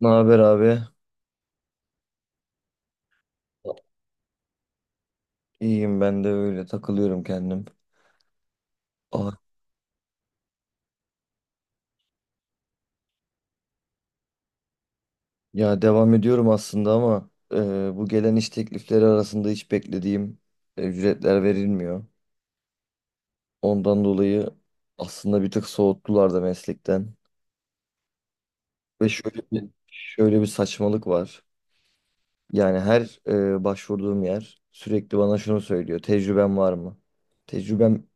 Ne haber abi? İyiyim, ben de öyle takılıyorum kendim. Ah, ya devam ediyorum aslında ama bu gelen iş teklifleri arasında hiç beklediğim ücretler verilmiyor. Ondan dolayı aslında bir tık soğuttular da meslekten. Ve şöyle bir saçmalık var. Yani her başvurduğum yer sürekli bana şunu söylüyor. Tecrüben var mı? Tecrübem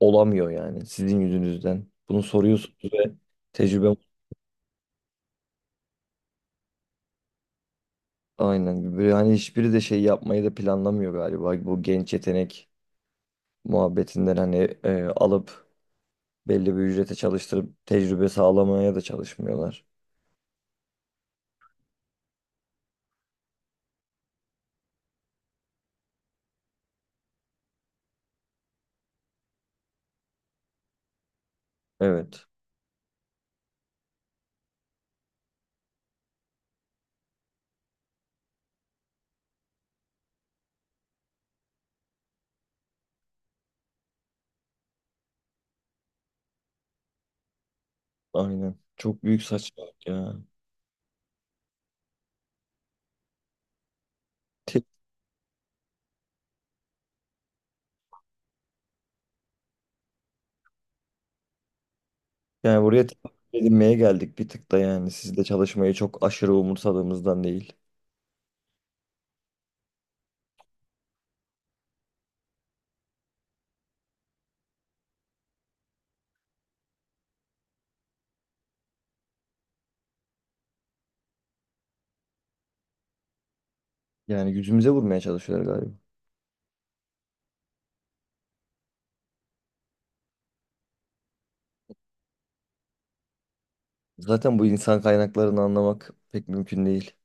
olamıyor yani sizin yüzünüzden. Bunu soruyorsunuz ve tecrübem. Aynen. Böyle hani hiçbiri de şey yapmayı da planlamıyor galiba. Bu genç yetenek muhabbetinden hani alıp belli bir ücrete çalıştırıp tecrübe sağlamaya da çalışmıyorlar. Evet. Aynen. Çok büyük saçmalık ya. Tek, yani buraya tek edinmeye geldik bir tık da yani. Sizde çalışmayı çok aşırı umursadığımızdan değil. Yani yüzümüze vurmaya çalışıyorlar galiba. Zaten bu insan kaynaklarını anlamak pek mümkün değil.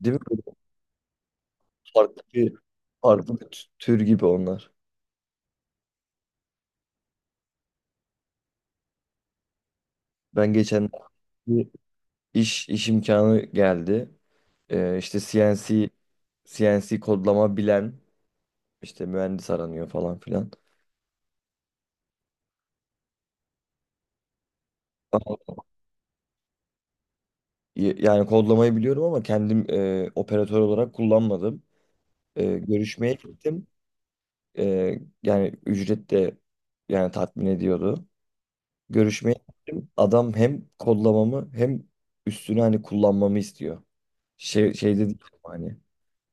Değil mi? Böyle, Farklı bir, farklı bir tür gibi onlar. Ben geçen iş imkanı geldi. İşte CNC kodlama bilen işte mühendis aranıyor falan filan. Ama yani kodlamayı biliyorum ama kendim operatör olarak kullanmadım. Görüşmeye gittim. Yani ücret de yani tatmin ediyordu. Görüşmeye gittim. Adam hem kodlamamı hem üstüne hani kullanmamı istiyor. Şeyde değil, hani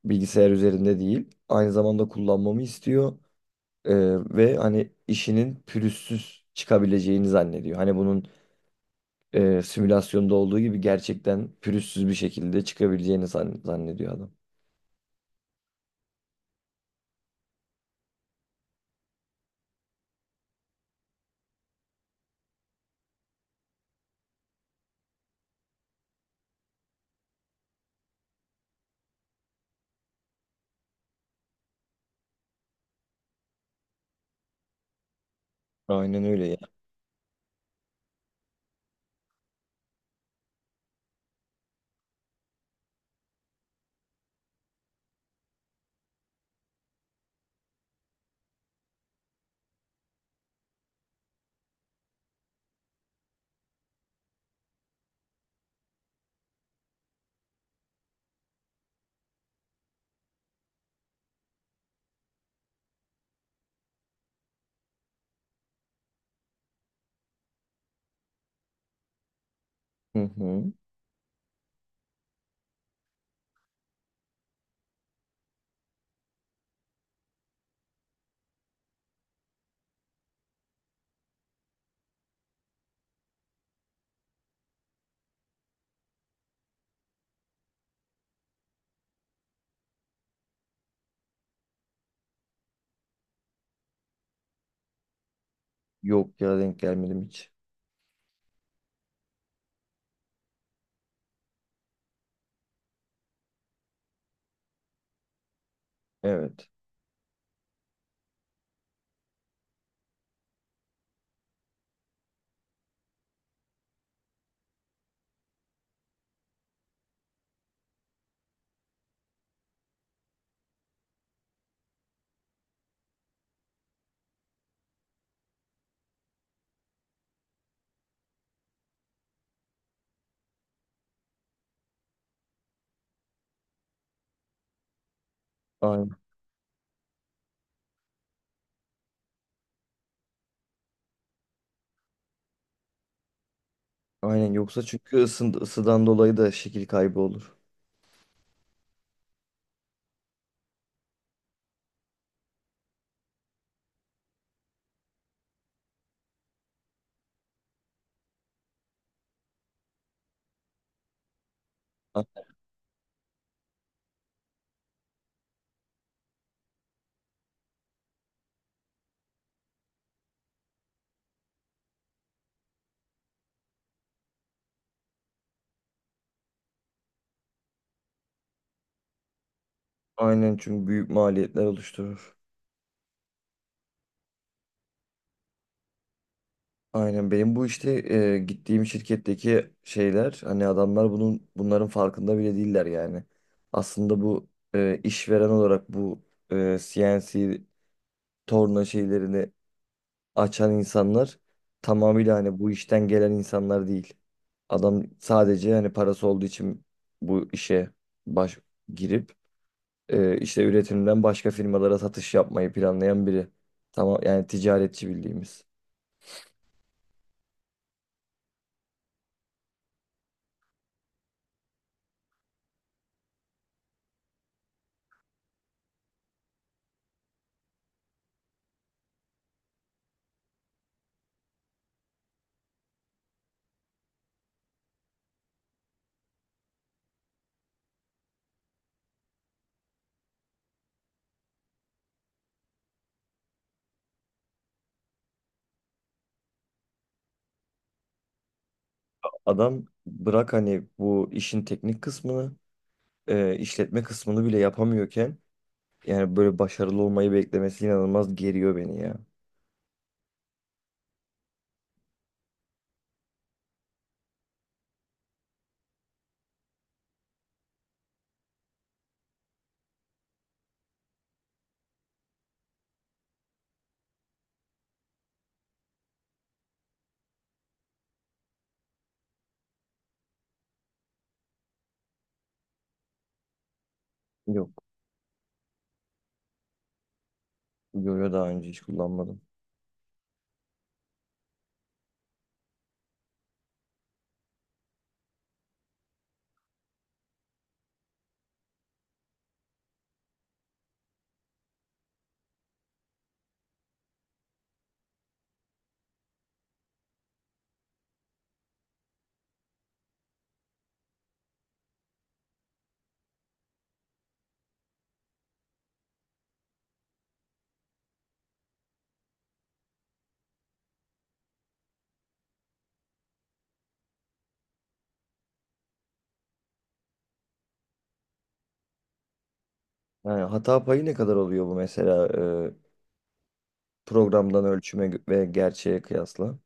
bilgisayar üzerinde değil. Aynı zamanda kullanmamı istiyor. Ee, ve hani işinin pürüzsüz çıkabileceğini zannediyor. Hani bunun simülasyonda olduğu gibi gerçekten pürüzsüz bir şekilde çıkabileceğini zannediyor adam. Aynen öyle ya. Hı hı. Yok ya, denk gelmedim hiç. Evet. Aynen. Aynen, yoksa çünkü ısıdan dolayı da şekil kaybı olur. A- Aynen, çünkü büyük maliyetler oluşturur. Aynen, benim bu işte gittiğim şirketteki şeyler hani adamlar bunların farkında bile değiller yani. Aslında bu işveren olarak bu CNC torna şeylerini açan insanlar tamamıyla hani bu işten gelen insanlar değil. Adam sadece hani parası olduğu için bu işe baş girip işte üretimden başka firmalara satış yapmayı planlayan biri. Tamam, yani ticaretçi bildiğimiz. Adam bırak hani bu işin teknik kısmını, işletme kısmını bile yapamıyorken yani böyle başarılı olmayı beklemesi inanılmaz geriyor beni ya. Yok. Yo daha önce hiç kullanmadım. Yani hata payı ne kadar oluyor bu mesela e, programdan ölçüme ve gerçeğe kıyasla?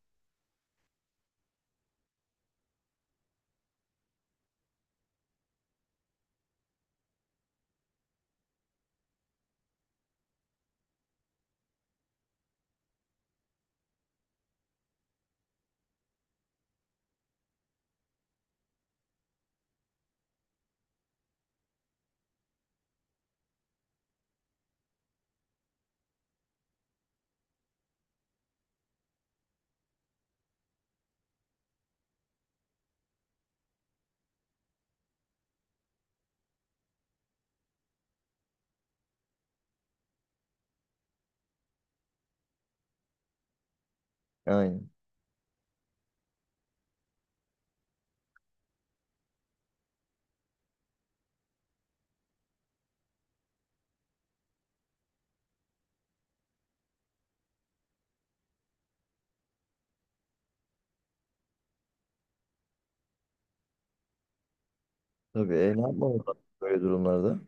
Aynen. Tabii, ne yapmamız lazım böyle durumlarda?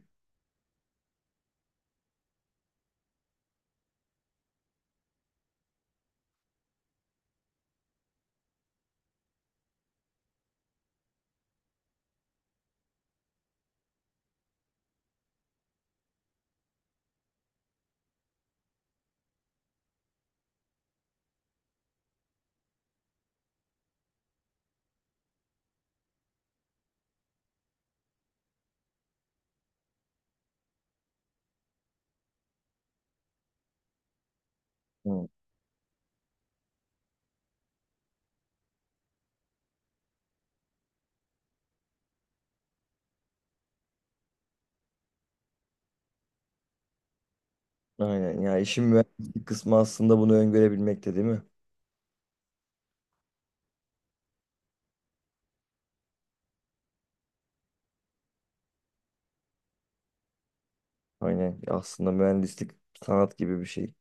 Hı. Aynen ya, işin mühendislik kısmı aslında bunu öngörebilmekte, değil mi? Aynen, aslında mühendislik sanat gibi bir şey.